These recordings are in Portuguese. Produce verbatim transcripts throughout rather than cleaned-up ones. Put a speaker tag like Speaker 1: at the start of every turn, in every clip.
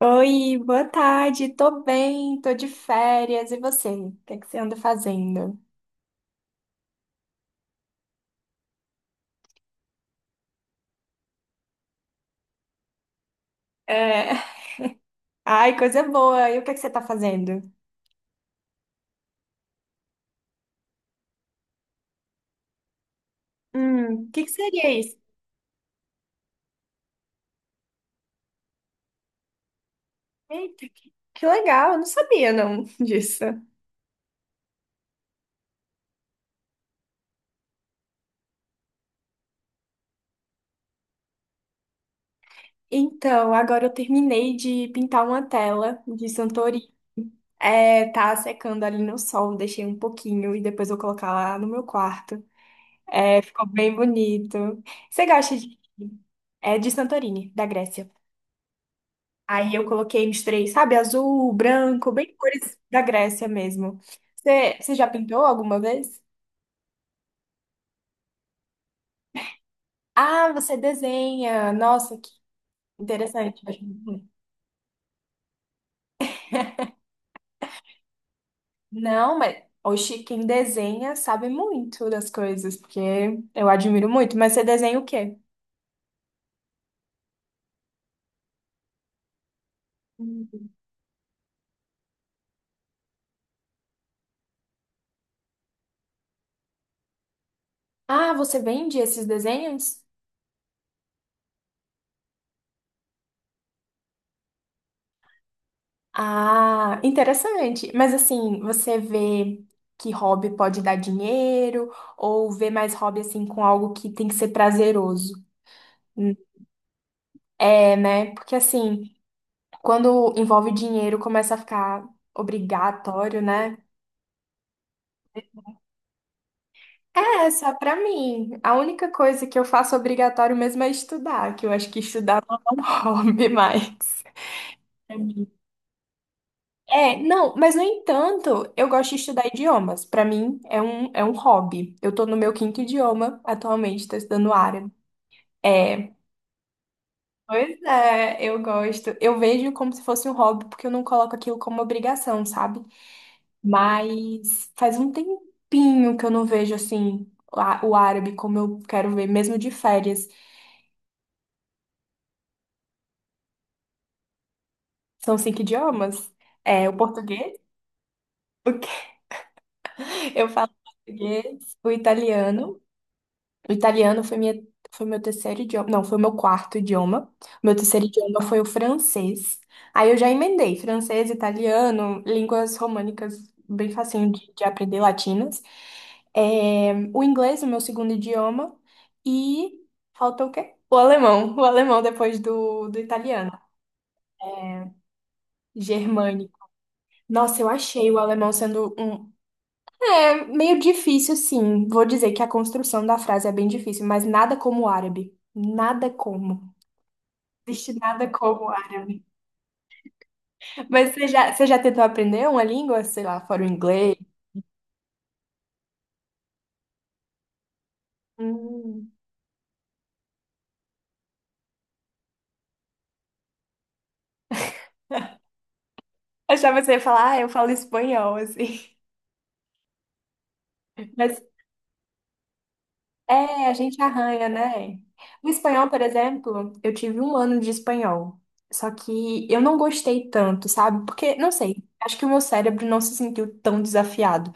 Speaker 1: Oi, boa tarde. Tô bem, tô de férias. E você? O que é que você anda fazendo? É. Ai, coisa boa. E o que é que você tá fazendo? Hum, o que que seria isso? Eita, que que legal. Eu não sabia não disso. Então, agora eu terminei de pintar uma tela de Santori. É, tá secando ali no sol, deixei um pouquinho e depois vou colocar lá no meu quarto. É, ficou bem bonito. Você gosta de... É de Santorini, da Grécia. Aí eu coloquei, misturei, sabe, azul, branco, bem cores da Grécia mesmo. Você, você já pintou alguma vez? Ah, você desenha. Nossa, que interessante. Não, mas oxi, quem desenha sabe muito das coisas, porque eu admiro muito. Mas você desenha o quê? Hum. Ah, você vende esses desenhos? Ah, interessante. Mas assim, você vê que hobby pode dar dinheiro ou vê mais hobby assim com algo que tem que ser prazeroso? É, né? Porque assim, quando envolve dinheiro, começa a ficar obrigatório, né? É, só pra mim. A única coisa que eu faço obrigatório mesmo é estudar, que eu acho que estudar não é um hobby mais. Pra mim. É, não, mas no entanto, eu gosto de estudar idiomas. Pra mim, é um, é um hobby. Eu tô no meu quinto idioma atualmente, tô estudando árabe. É, pois é, eu gosto. Eu vejo como se fosse um hobby, porque eu não coloco aquilo como obrigação, sabe? Mas faz um tempinho que eu não vejo assim a- o árabe como eu quero ver, mesmo de férias. São cinco idiomas. É o português, eu falo português, o italiano. O italiano foi minha, foi meu terceiro idioma. Não, foi meu quarto idioma. Meu terceiro idioma foi o francês. Aí eu já emendei francês, italiano, línguas românicas, bem facinho de, de aprender, latinas. É, o inglês, o meu segundo idioma. E falta o quê? O alemão. O alemão depois do, do italiano. Germânico. Nossa, eu achei o alemão sendo um. É meio difícil, sim. Vou dizer que a construção da frase é bem difícil, mas nada como o árabe. Nada como. Destinada como árabe. Mas você já, você já tentou aprender uma língua, sei lá, fora o inglês? Hum. Achava que você ia falar, ah, eu falo espanhol, assim. Mas é, a gente arranha, né? O espanhol, por exemplo, eu tive um ano de espanhol. Só que eu não gostei tanto, sabe? Porque, não sei, acho que o meu cérebro não se sentiu tão desafiado.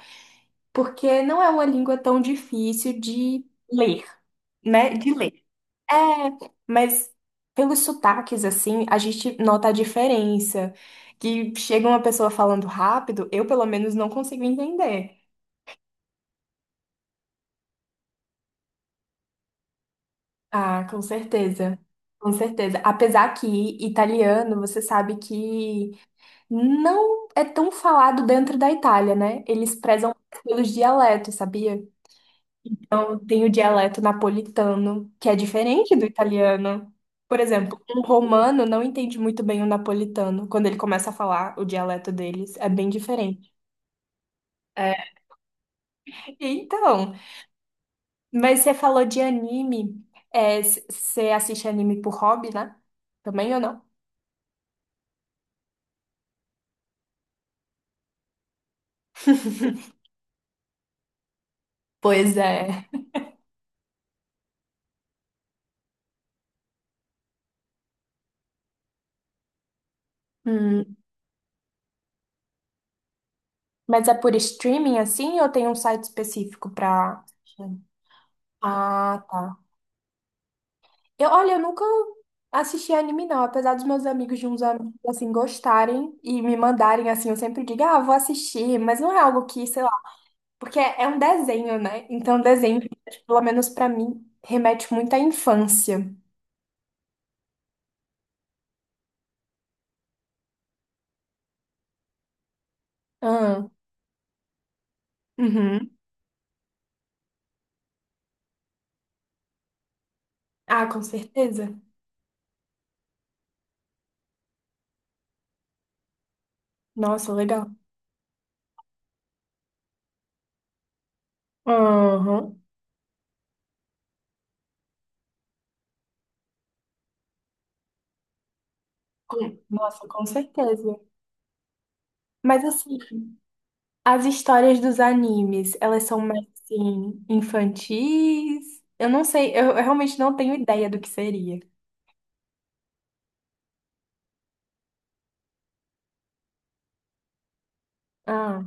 Speaker 1: Porque não é uma língua tão difícil de ler, né? De ler. É, mas pelos sotaques, assim, a gente nota a diferença. Que chega uma pessoa falando rápido, eu pelo menos não consigo entender. Ah, com certeza. Com certeza. Apesar que italiano, você sabe que não é tão falado dentro da Itália, né? Eles prezam pelos dialetos, sabia? Então, tem o dialeto napolitano, que é diferente do italiano. Por exemplo, um romano não entende muito bem o napolitano quando ele começa a falar o dialeto deles. É bem diferente. É, então, mas você falou de anime. É, c- você assiste anime por hobby, né? Também ou não? Pois é. Hum, Mas é por streaming assim ou tem um site específico pra assistir? Ah, tá. Eu, olha, eu nunca assisti anime, não. Apesar dos meus amigos, de uns amigos, assim, gostarem e me mandarem, assim, eu sempre digo, ah, vou assistir, mas não é algo que, sei lá, porque é um desenho, né? Então, desenho, pelo menos pra mim, remete muito à infância. Ah, uhum. Ah, com certeza. Nossa, legal. Aham. Com- Nossa, com certeza. Mas assim. As histórias dos animes, elas são mais assim, infantis? Eu não sei, eu, eu realmente não tenho ideia do que seria. Ah,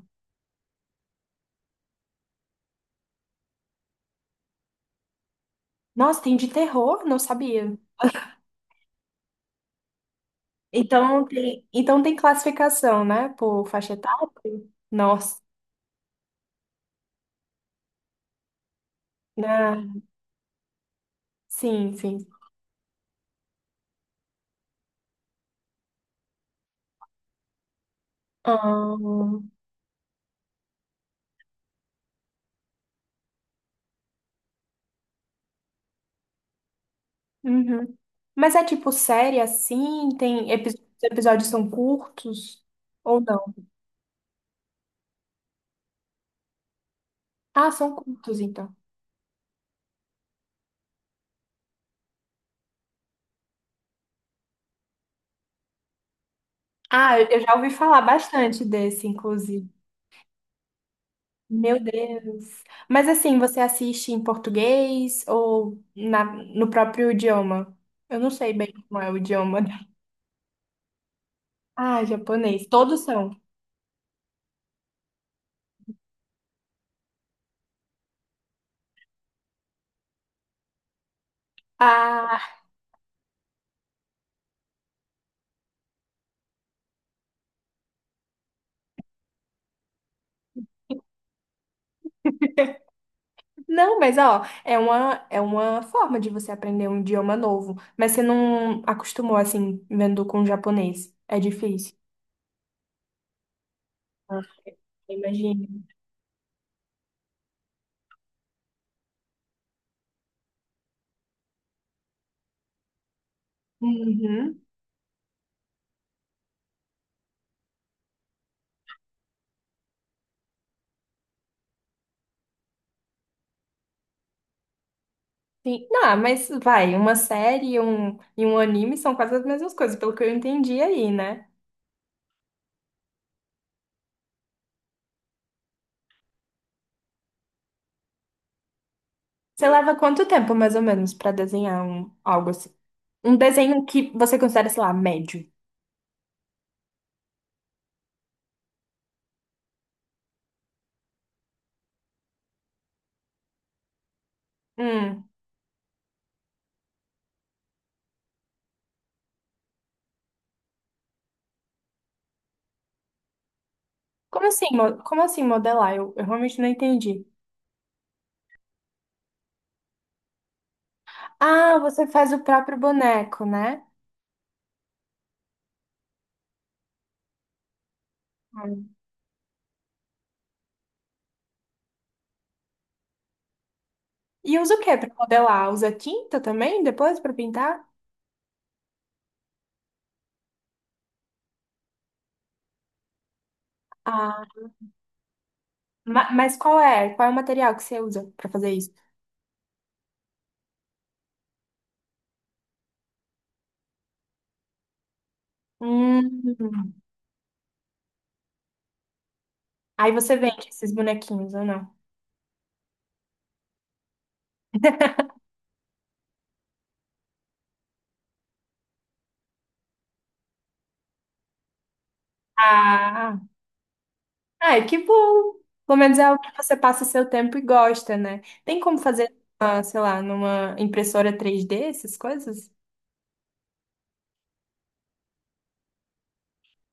Speaker 1: nossa, tem de terror? Não sabia. Então tem, então tem classificação, né? Por faixa etária? Nossa, né? Sim, sim. Ah, uhum. Mas é tipo série assim? Tem epi- os episódios são curtos ou não? Ah, são curtos então. Ah, eu eu já ouvi falar bastante desse, inclusive. Meu Deus. Mas assim, você assiste em português ou na, no próprio idioma? Eu não sei bem como é o idioma. Ah, japonês. Todos são. Ah, não, mas ó, é uma, é uma forma de você aprender um idioma novo. Mas você não acostumou assim, vendo com japonês. É difícil. Ah, eu imagino. Uhum. Sim. Não, ah, mas vai, uma série e um, e um, anime são quase as mesmas coisas, pelo que eu entendi aí, né? Você leva quanto tempo, mais ou menos, pra desenhar um, algo assim? Um desenho que você considera, sei lá, médio. Hum. Como assim, mo- como assim modelar? Eu, eu realmente não entendi. Ah, você faz o próprio boneco, né? Hum. E usa o que pra modelar? Usa tinta também depois pra pintar? Ah, ma- mas qual é? Qual é o material que você usa pra fazer isso? Hum. Aí você vende esses bonequinhos ou não? Ah. Ai, que bom. Pelo menos é o que você passa seu tempo e gosta, né? Tem como fazer, ah, sei lá, numa impressora três dê essas coisas?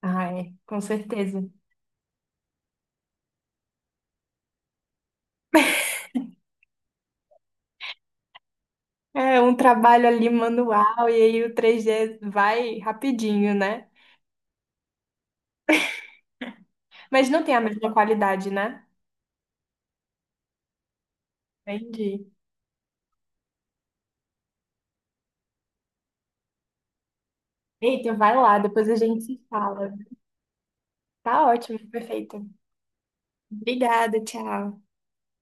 Speaker 1: Ah, é, com certeza. É um trabalho ali manual e aí o três dê vai rapidinho, né? Mas não tem a mesma qualidade, né? Entendi. Eita, vai lá, depois a gente se fala. Tá ótimo, perfeito. Obrigada, tchau.